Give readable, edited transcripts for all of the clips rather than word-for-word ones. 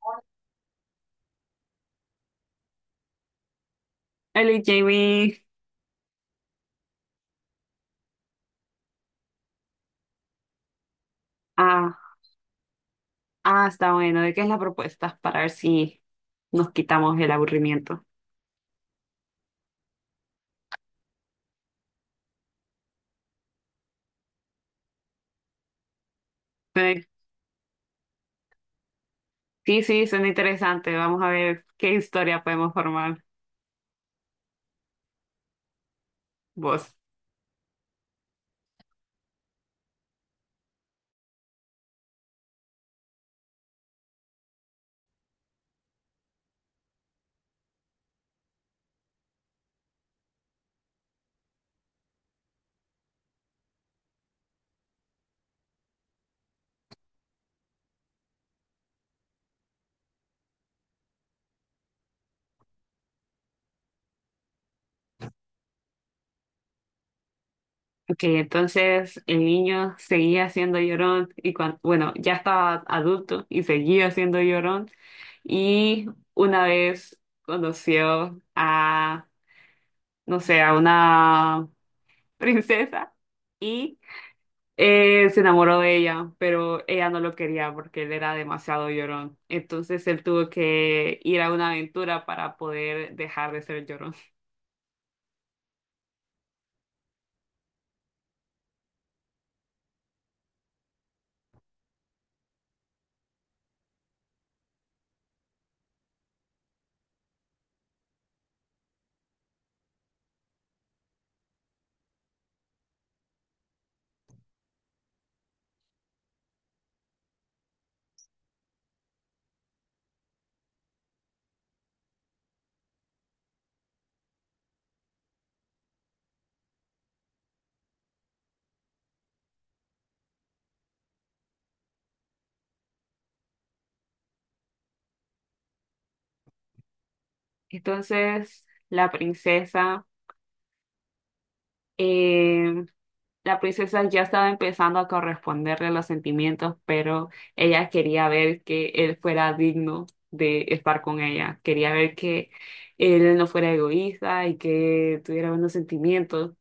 Hola, Jamie. Ah, está bueno. ¿De qué es la propuesta? Para ver si nos quitamos el aburrimiento. Sí, sí, sí, suena interesante. Vamos a ver qué historia podemos formar vos. Ok, entonces el niño seguía siendo llorón y cuando, bueno, ya estaba adulto y seguía siendo llorón y una vez conoció a, no sé, a una princesa y se enamoró de ella, pero ella no lo quería porque él era demasiado llorón. Entonces él tuvo que ir a una aventura para poder dejar de ser llorón. Entonces eh, la princesa ya estaba empezando a corresponderle los sentimientos, pero ella quería ver que él fuera digno de estar con ella. Quería ver que él no fuera egoísta y que tuviera buenos sentimientos.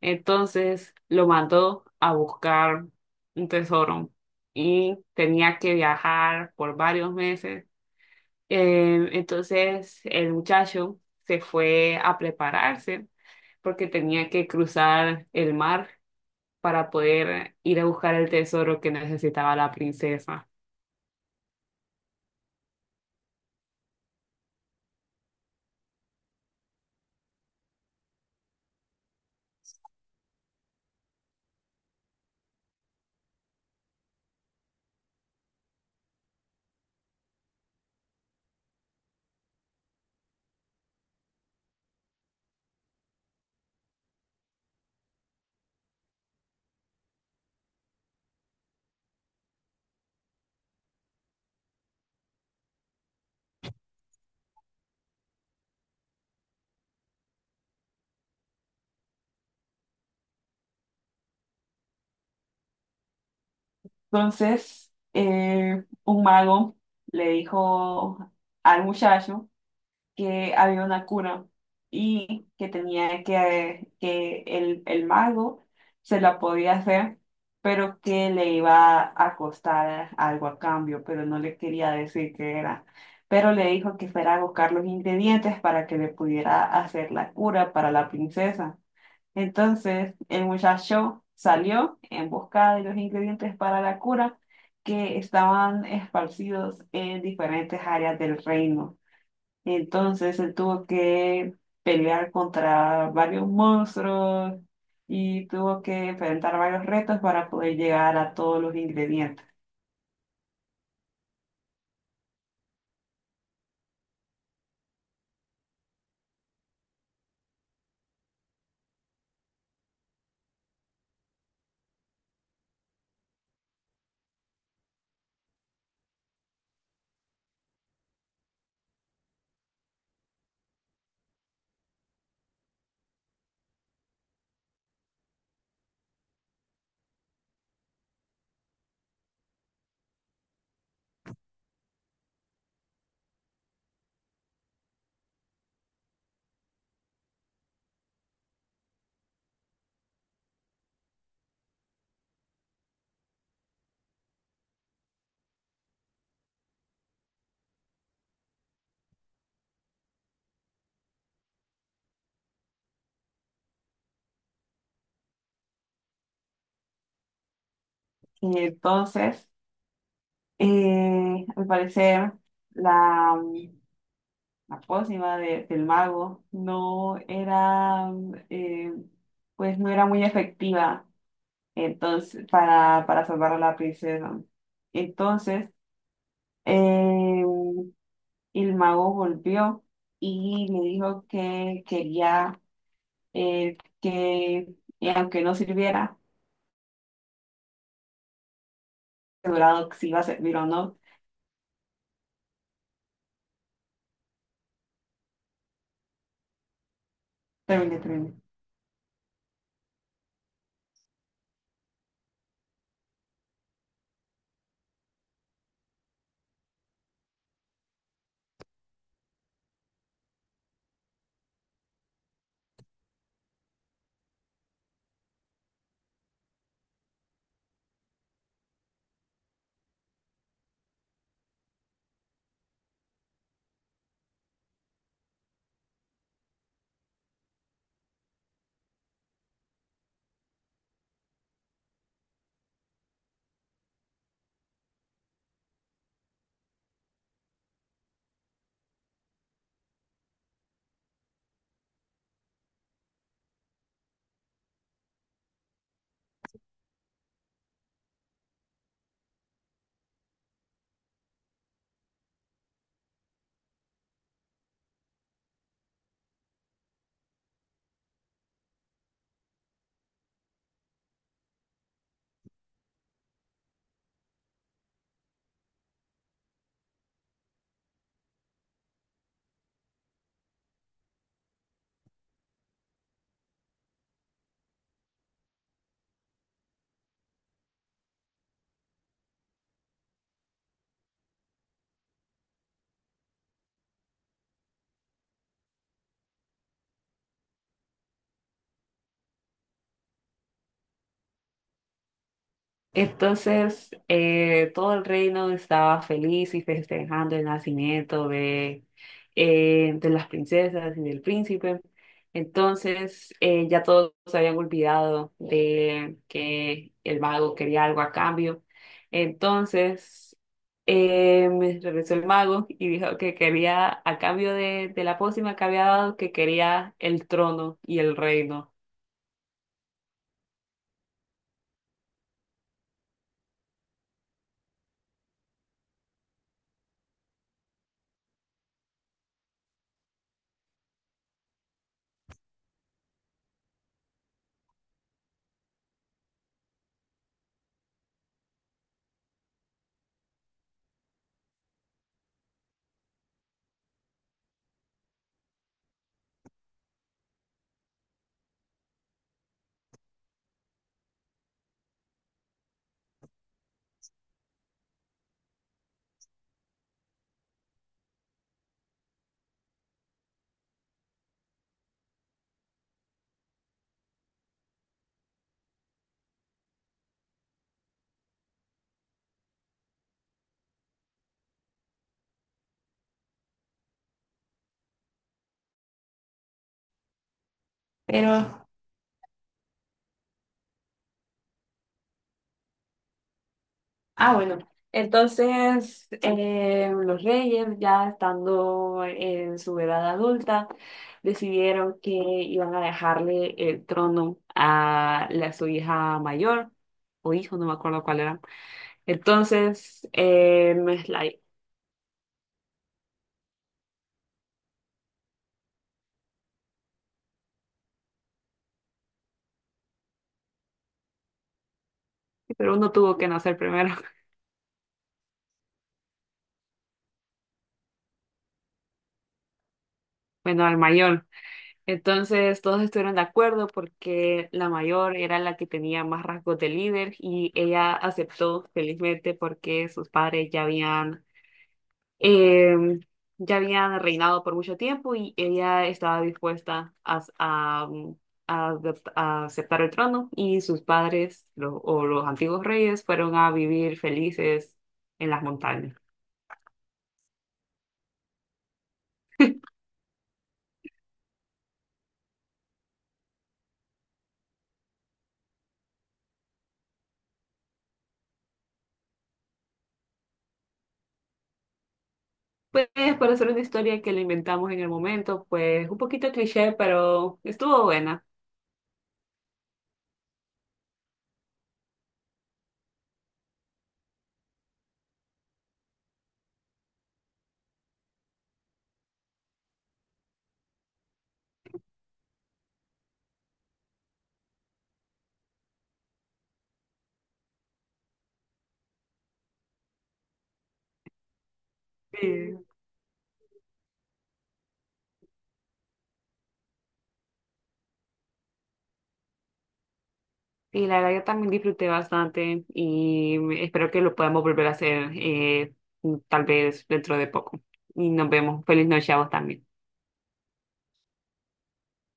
Entonces lo mandó a buscar un tesoro y tenía que viajar por varios meses. Entonces el muchacho se fue a prepararse porque tenía que cruzar el mar para poder ir a buscar el tesoro que necesitaba la princesa. Entonces, un mago le dijo al muchacho que había una cura y que el mago se la podía hacer, pero que le iba a costar algo a cambio, pero no le quería decir qué era. Pero le dijo que fuera a buscar los ingredientes para que le pudiera hacer la cura para la princesa. Entonces el muchacho salió en busca de los ingredientes para la cura que estaban esparcidos en diferentes áreas del reino. Entonces él tuvo que pelear contra varios monstruos y tuvo que enfrentar varios retos para poder llegar a todos los ingredientes. Y entonces, al parecer, la, la pócima de- del mago no era, eh, pues no era muy efectiva entonces, para salvar a la princesa. Entonces, eh, y el mago volvió y me dijo que quería y aunque no sirviera, asegurado que si iba a servir o no. Terminé. Entonces, todo el reino estaba feliz y festejando el nacimiento de las princesas y del príncipe. Entonces, ya todos se habían olvidado de que el mago quería algo a cambio. Entonces, me regresó el mago y dijo que quería, a cambio de la pócima que había dado, que quería el trono y el reino. Pero ah, bueno. Entonces, los reyes, ya estando en su edad adulta, decidieron que iban a dejarle el trono a la, su hija mayor, o hijo, no me acuerdo cuál era. Entonces, la- pero uno tuvo que nacer primero, bueno, al mayor. Entonces, todos estuvieron de acuerdo porque la mayor era la que tenía más rasgos de líder y ella aceptó felizmente porque sus padres eh, ya habían reinado por mucho tiempo y ella estaba dispuesta a, mm, a adop- a aceptar el trono y sus padres o los antiguos reyes fueron a vivir felices en las montañas. Pues para hacer una historia que la inventamos en el momento, pues un poquito cliché, pero estuvo buena. Sí. Y la verdad yo también disfruté bastante y espero que lo podamos volver a hacer tal vez dentro de poco. Y nos vemos. Feliz noche a vos también.